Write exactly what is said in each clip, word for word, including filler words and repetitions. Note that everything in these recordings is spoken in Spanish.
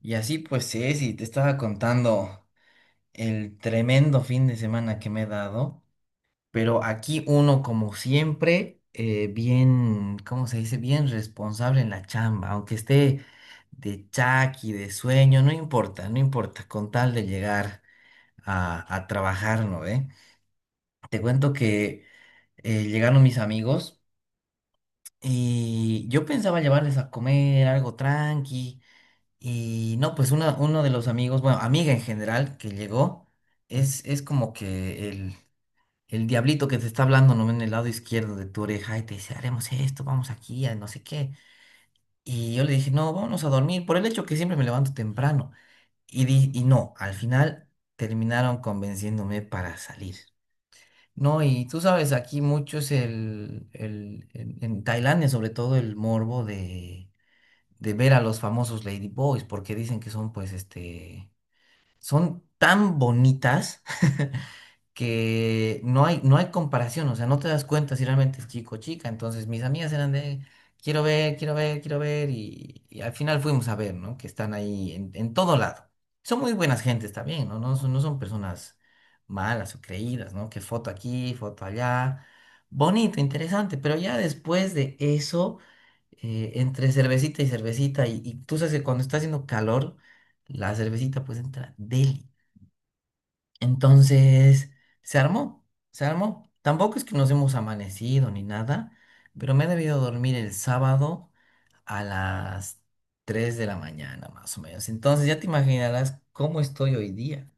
Y así pues Ceci, te estaba contando el tremendo fin de semana que me he dado, pero aquí uno como siempre, eh, bien, ¿cómo se dice? Bien responsable en la chamba, aunque esté de chaki, de sueño, no importa, no importa, con tal de llegar a, a trabajar, ¿no ve? Te cuento que eh, llegaron mis amigos y yo pensaba llevarles a comer algo tranqui. Y no, pues uno, uno de los amigos, bueno, amiga en general que llegó, es, es como que el, el diablito que te está hablando, ¿no? En el lado izquierdo de tu oreja y te dice, haremos esto, vamos aquí, a no sé qué. Y yo le dije, no, vámonos a dormir, por el hecho que siempre me levanto temprano. Y, di- y no, al final terminaron convenciéndome para salir. No, y tú sabes, aquí mucho es el, el, en en Tailandia sobre todo el morbo de de ver a los famosos Lady Boys, porque dicen que son pues este son tan bonitas que no hay, no hay comparación, o sea, no te das cuenta si realmente es chico o chica. Entonces, mis amigas eran de, quiero ver, quiero ver, quiero ver, y, y al final fuimos a ver, ¿no? Que están ahí en, en todo lado. Son muy buenas gentes también, ¿no? No son, no son personas malas o creídas, ¿no? Que foto aquí, foto allá. Bonito, interesante, pero ya después de eso, eh, entre cervecita y cervecita, y, y tú sabes que cuando está haciendo calor, la cervecita pues entra deli. Entonces, se armó, se armó. Tampoco es que nos hemos amanecido ni nada, pero me he debido dormir el sábado a las tres de la mañana, más o menos. Entonces, ya te imaginarás cómo estoy hoy día.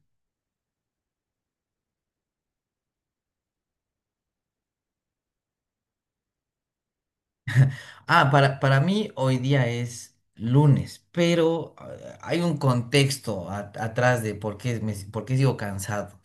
Ah, para, para mí hoy día es lunes, pero eh, hay un contexto a- atrás de por qué, me, por qué sigo cansado.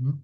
Ujú,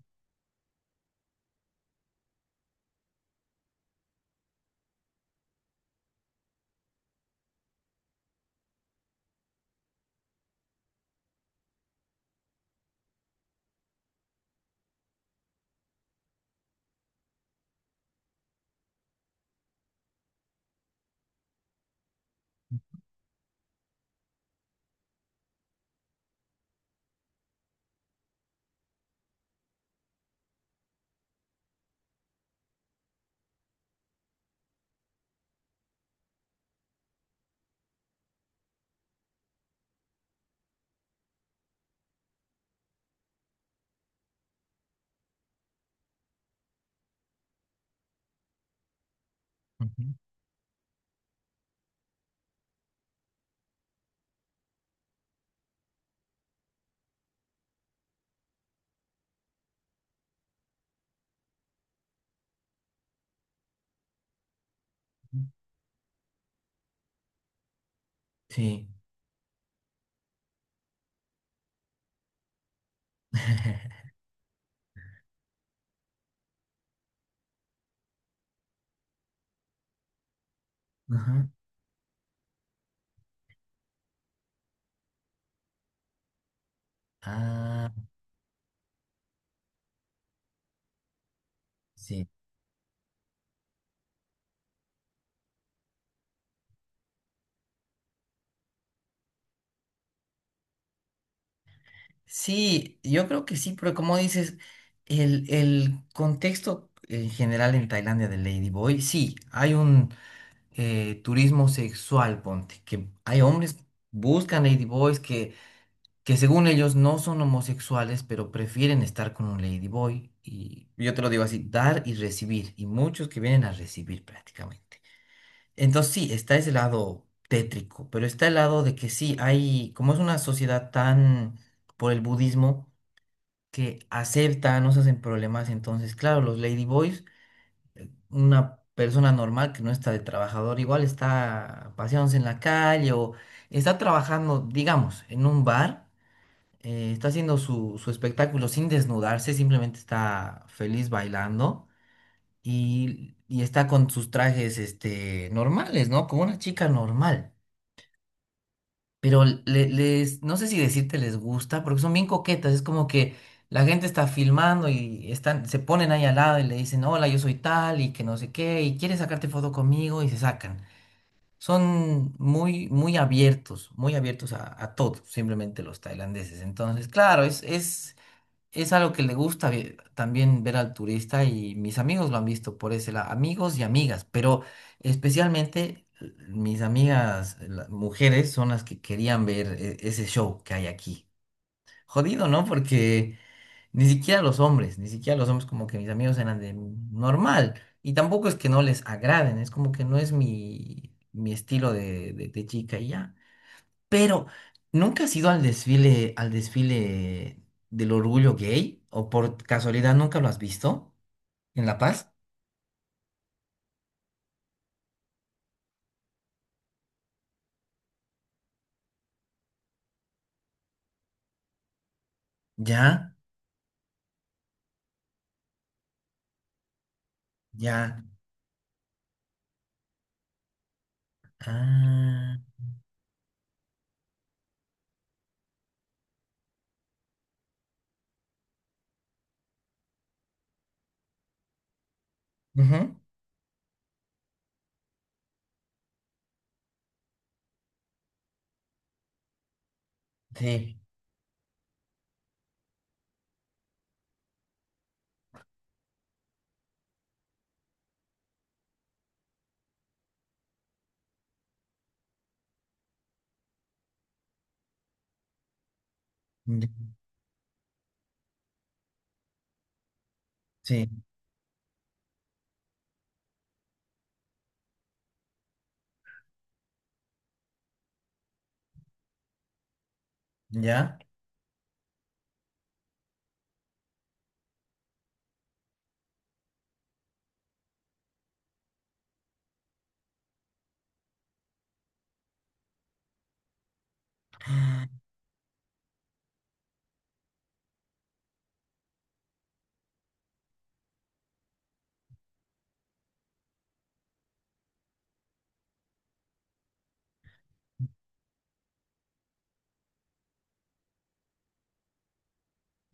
ujú, ujú. Sí. Ajá. Ah, sí. Sí, yo creo que sí, pero como dices, el, el contexto en general en Tailandia de Lady Boy, sí, hay un eh, turismo sexual, ponte, que hay hombres que buscan Lady Boys que, que según ellos no son homosexuales, pero prefieren estar con un Lady Boy. Y yo te lo digo así, dar y recibir, y muchos que vienen a recibir prácticamente. Entonces sí, está ese lado tétrico, pero está el lado de que sí, hay, como es una sociedad tan por el budismo, que aceptan, no se hacen problemas. Entonces, claro, los ladyboys, una persona normal que no está de trabajador, igual está paseándose en la calle o está trabajando, digamos, en un bar, eh, está haciendo su, su espectáculo sin desnudarse, simplemente está feliz bailando y, y está con sus trajes, este, normales, ¿no? Como una chica normal. Pero le- les, no sé si decirte les gusta, porque son bien coquetas, es como que la gente está filmando y están, se ponen ahí al lado y le dicen, hola, yo soy tal y que no sé qué, y quieres sacarte foto conmigo y se sacan. Son muy, muy abiertos, muy abiertos a, a todo, simplemente los tailandeses. Entonces, claro, es, es, es algo que le gusta ve- también ver al turista y mis amigos lo han visto por ese lado, amigos y amigas, pero especialmente eh, mis amigas, eh, las mujeres, son las que querían ver eh, ese show que hay aquí. Jodido, ¿no? Porque ni siquiera los hombres, ni siquiera los hombres como que mis amigos eran de normal y tampoco es que no les agraden, es como que no es mi, mi estilo de, de de chica y ya. Pero, ¿nunca has ido al desfile, al desfile del orgullo gay? ¿O por casualidad nunca lo has visto en La Paz? Ya, ya. Ah. Ujú. Sí. Ya. Sí. Ya.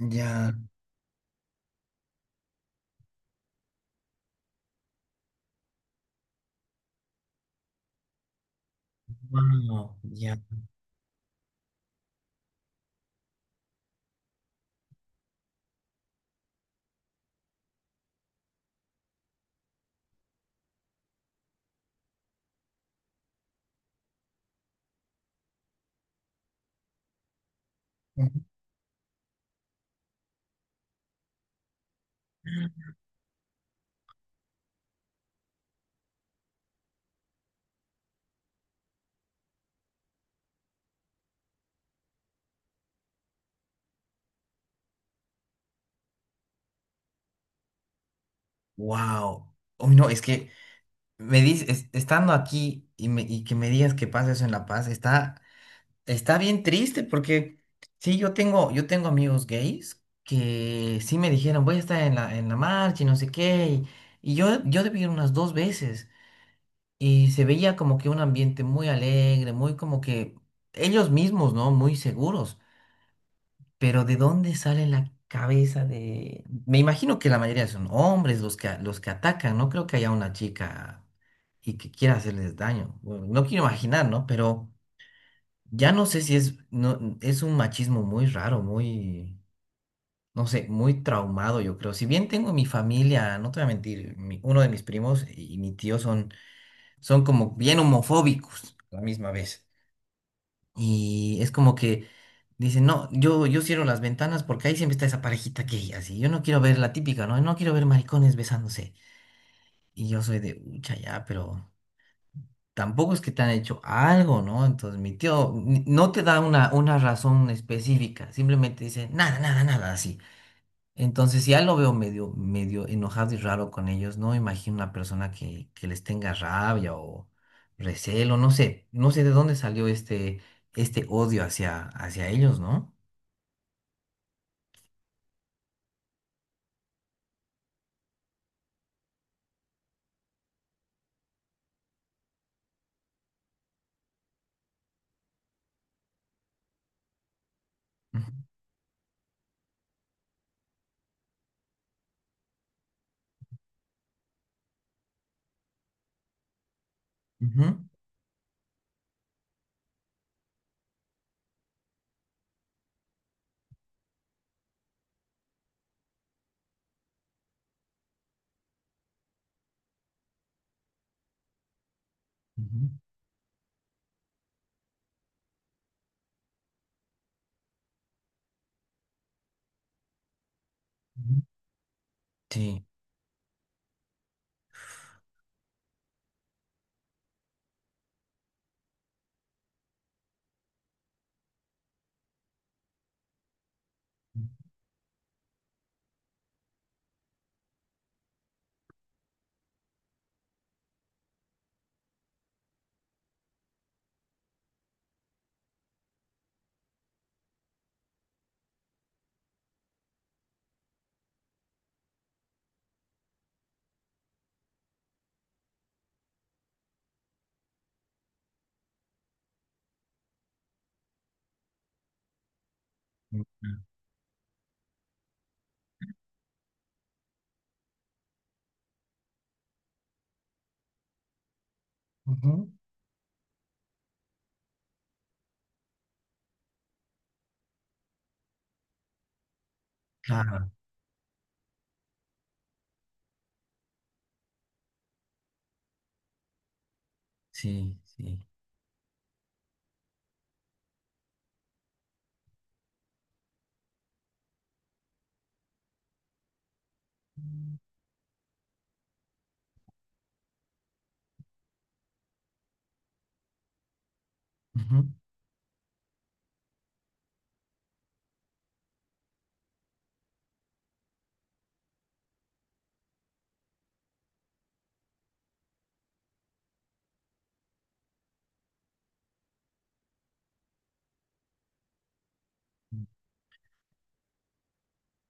Ya. Wow. Ya. Wow. Uy, no, es que me dices, estando aquí y, me- y que me digas que pasa eso en La Paz, está. Está bien triste porque sí, yo tengo, yo tengo amigos gays que sí me dijeron, voy a estar en la, en la marcha y no sé qué. Y, y yo, yo debí ir unas dos veces y se veía como que un ambiente muy alegre, muy como que ellos mismos, ¿no? Muy seguros. Pero ¿de dónde sale la cabeza de...? Me imagino que la mayoría son hombres los que, los que atacan. No creo que haya una chica y que quiera hacerles daño. Bueno, no quiero imaginar, ¿no? Pero... Ya no sé si es, no, es un machismo muy raro, muy, no sé, muy traumado, yo creo. Si bien tengo mi familia, no te voy a mentir, mi- uno de mis primos y mi tío son, son como bien homofóbicos a la misma vez. Y es como que dicen, no, yo, yo cierro las ventanas porque ahí siempre está esa parejita gay, así. Yo no quiero ver la típica, ¿no? No quiero ver maricones besándose. Y yo soy de, ucha, ya, pero, tampoco es que te han hecho algo, ¿no? Entonces mi tío ni- no te da una, una razón específica, simplemente dice nada, nada, nada, así. Entonces ya lo veo medio, medio enojado y raro con ellos, no me imagino una persona que, que les tenga rabia o recelo, no sé, no sé de dónde salió este, este odio hacia, hacia ellos, ¿no? Ujú, ujú, ujú, ujú. Sí. Ujú. Ujú. Claro, sí, sí. Ujú.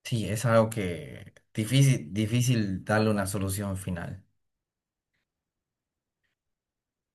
Sí, es algo que difícil, difícil darle una solución final.